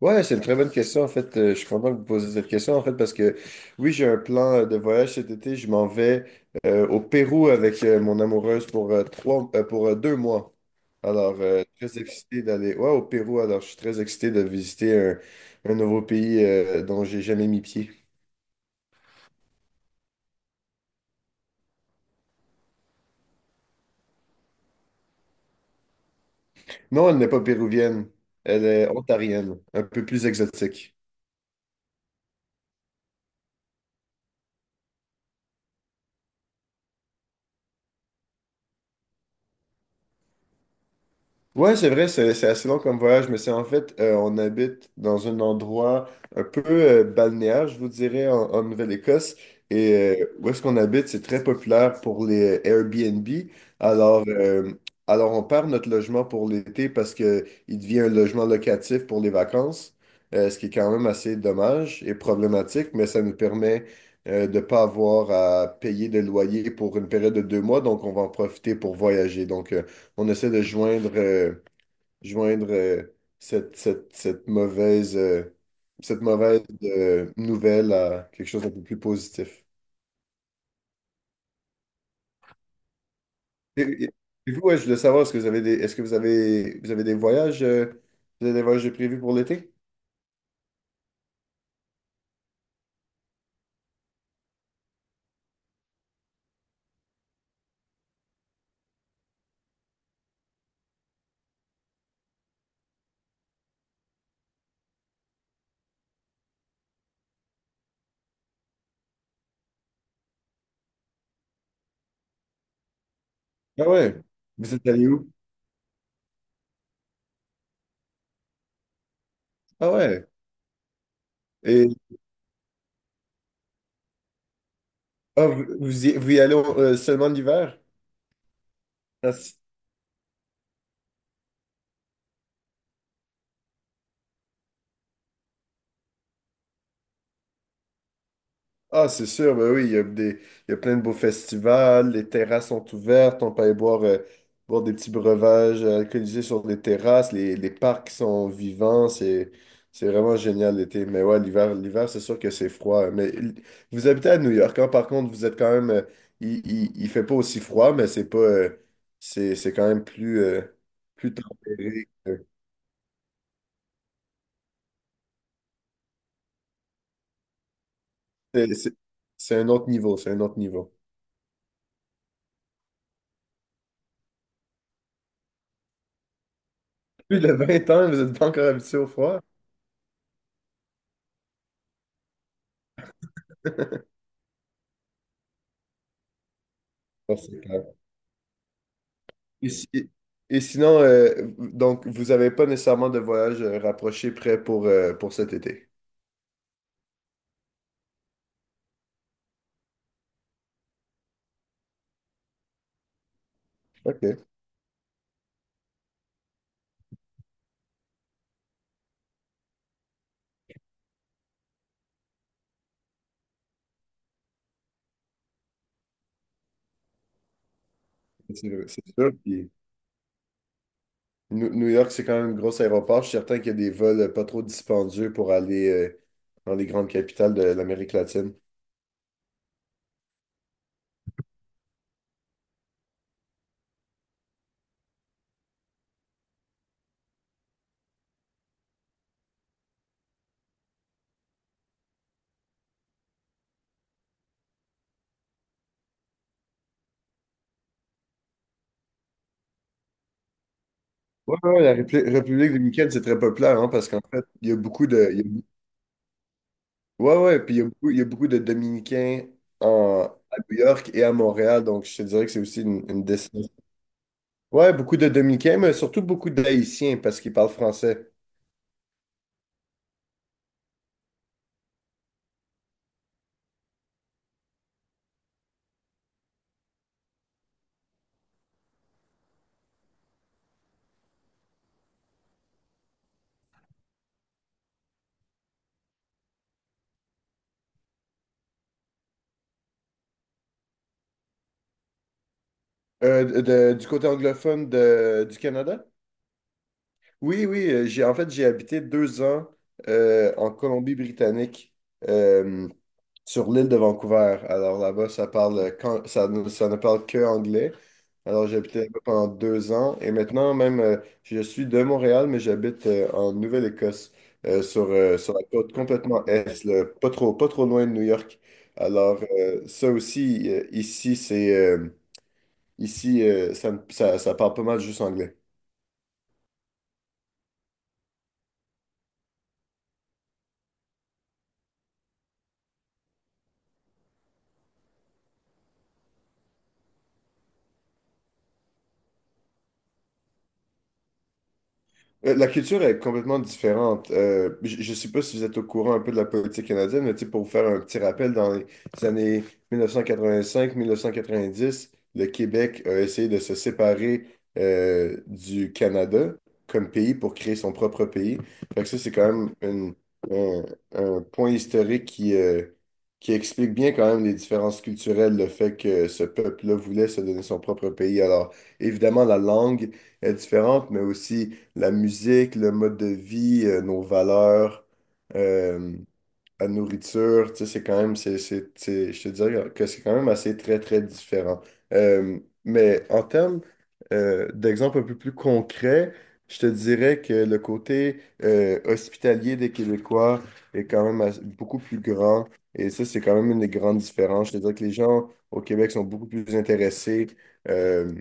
Ouais, c'est une très bonne question. En fait, je suis content que vous posiez cette question. En fait, parce que oui, j'ai un plan de voyage cet été. Je m'en vais au Pérou avec mon amoureuse pour 2 mois. Alors, très excité d'aller ouais, au Pérou. Alors, je suis très excité de visiter un nouveau pays dont j'ai jamais mis pied. Non, elle n'est pas péruvienne. Elle est ontarienne, un peu plus exotique. Ouais, c'est vrai, c'est assez long comme voyage, mais c'est en fait, on habite dans un endroit un peu balnéaire, je vous dirais, en Nouvelle-Écosse. Et où est-ce qu'on habite, c'est très populaire pour les Airbnb. Alors, euh, alors, on perd notre logement pour l'été parce que il devient un logement locatif pour les vacances, ce qui est quand même assez dommage et problématique, mais ça nous permet de ne pas avoir à payer de loyer pour une période de 2 mois, donc on va en profiter pour voyager. Donc, on essaie de joindre, joindre euh, cette, cette, cette mauvaise, euh, cette mauvaise nouvelle à quelque chose d'un peu plus positif. Et, et- et vous, ouais, je voulais savoir, est-ce que vous avez, vous avez des voyages de prévus pour l'été? Ah ouais. Vous êtes allé où? Ah ouais. Et ah, vous y allez seulement l'hiver? Ah, si. Ah, c'est sûr, ben oui, il y a plein de beaux festivals, les terrasses sont ouvertes, on peut aller boire, boire des petits breuvages alcoolisés sur les terrasses, les parcs sont vivants, c'est vraiment génial l'été. Mais ouais, l'hiver, c'est sûr que c'est froid, hein. Mais vous habitez à New York, hein, par contre, vous êtes quand même, il fait pas aussi froid, mais c'est pas, c'est quand même plus, plus tempéré. C'est c'est- c'est un autre niveau, c'est un autre niveau. Plus de 20 ans, vous êtes pas encore habitué au froid? Ah, c'est clair. Et, si- et sinon, donc, vous n'avez pas nécessairement de voyage rapproché prêt pour, pour cet été. OK. C'est vrai, c'est sûr. Puis New York, c'est quand même un gros aéroport. Je suis certain qu'il y a des vols pas trop dispendieux pour aller dans les grandes capitales de l'Amérique latine. Ouais, ouais, la République dominicaine, c'est très populaire, hein, parce qu'en fait, il y a beaucoup de. Il y a bou- ouais, ouais, puis il y a beaucoup de Dominicains en, à New York et à Montréal, donc je te dirais que c'est aussi une destination. Ouais, beaucoup de Dominicains, mais surtout beaucoup d'Haïtiens parce qu'ils parlent français. Du côté anglophone du Canada? Oui, oui, j'ai en fait j'ai habité 2 ans en Colombie-Britannique euh, sur l'île de Vancouver. Alors là-bas, ça parle quand, ça ne parle que anglais. Alors j'ai habité là-bas pendant 2 ans et maintenant même je suis de Montréal, mais j'habite en Nouvelle-Écosse sur la côte complètement est, là, pas trop, pas trop loin de New York. Alors ça aussi, ici, ça parle pas mal juste anglais. La culture est complètement différente. Je ne sais pas si vous êtes au courant un peu de la politique canadienne, mais tu sais, pour vous faire un petit rappel, dans les années 1985-1990, le Québec a essayé de se séparer du Canada comme pays pour créer son propre pays. Fait que ça, c'est quand même un, un point historique qui explique bien quand même les différences culturelles, le fait que ce peuple-là voulait se donner son propre pays. Alors, évidemment, la langue est différente, mais aussi la musique, le mode de vie, nos valeurs. Euh, la nourriture, tu sais, c'est quand même, c'est- je te dirais que c'est quand même assez très, très différent. Euh, mais en termes d'exemples un peu plus concrets, je te dirais que le côté hospitalier des Québécois est quand même beaucoup plus grand. Et ça, c'est quand même une des grandes différences. Je te dirais que les gens au Québec sont beaucoup plus intéressés euh,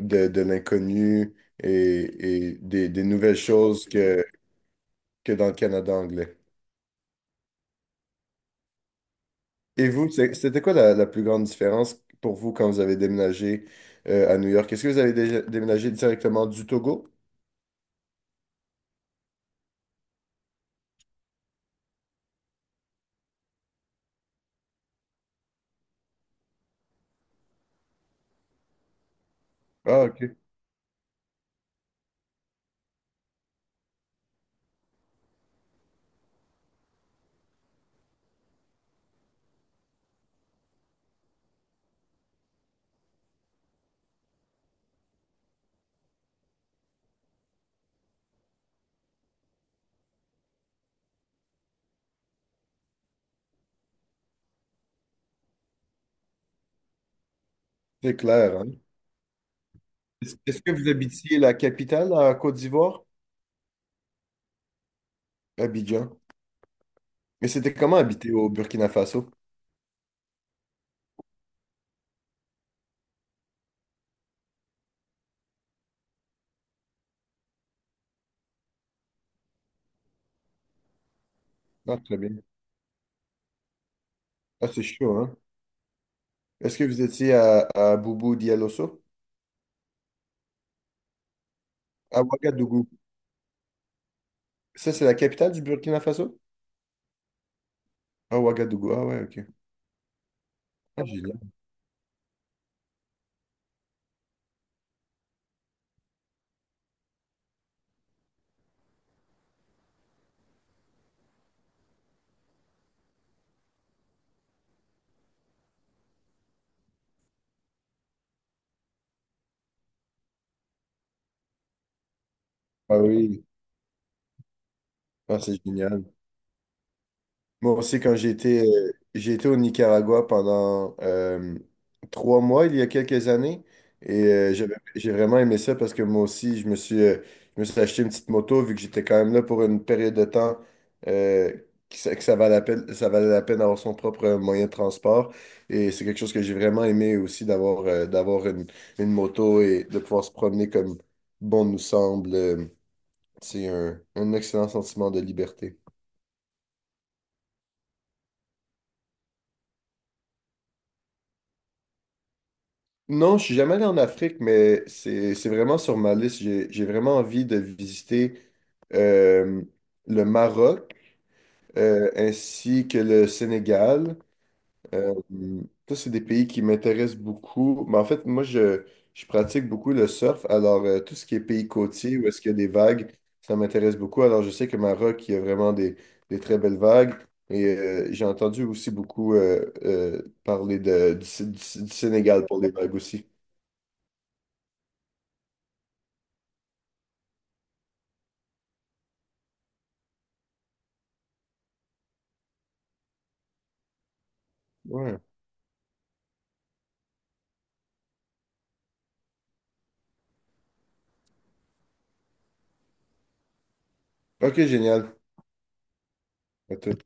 de l'inconnu et des nouvelles choses que dans le Canada anglais. Et vous, c'était quoi la plus grande différence pour vous quand vous avez déménagé à New York? Est-ce que vous avez déjà déménagé directement du Togo? Ah, OK. C'est clair, hein? Est-ce que vous habitiez la capitale à Côte d'Ivoire? Abidjan. Mais c'était comment habiter au Burkina Faso? Ah, très bien. Ah, c'est chaud, hein? Est-ce que vous étiez à Boubou Dialosso? À Ouagadougou. Ça, c'est la capitale du Burkina Faso? Ah, Ouagadougou. Ah ouais, OK. Ah, génial. Ah oui. Ah, c'est génial. Moi aussi, quand j'ai été au Nicaragua pendant 3 mois il y a quelques années et j'ai vraiment aimé ça parce que moi aussi, je me suis acheté une petite moto vu que j'étais quand même là pour une période de temps euh, que ça valait la peine, ça valait la peine d'avoir son propre moyen de transport et c'est quelque chose que j'ai vraiment aimé aussi d'avoir une moto et de pouvoir se promener comme bon nous semble. C'est un excellent sentiment de liberté. Non, je suis jamais allé en Afrique, mais c'est vraiment sur ma liste. J'ai vraiment envie de visiter euh, le Maroc ainsi que le Sénégal. Euh, ça, c'est des pays qui m'intéressent beaucoup. Mais en fait, moi, je pratique beaucoup le surf. Alors, tout ce qui est pays côtier, où est-ce qu'il y a des vagues, ça m'intéresse beaucoup. Alors, je sais que Maroc, il y a vraiment des très belles vagues. Et j'ai entendu aussi beaucoup parler du Sénégal pour les vagues aussi. Ouais. OK, génial. À tout.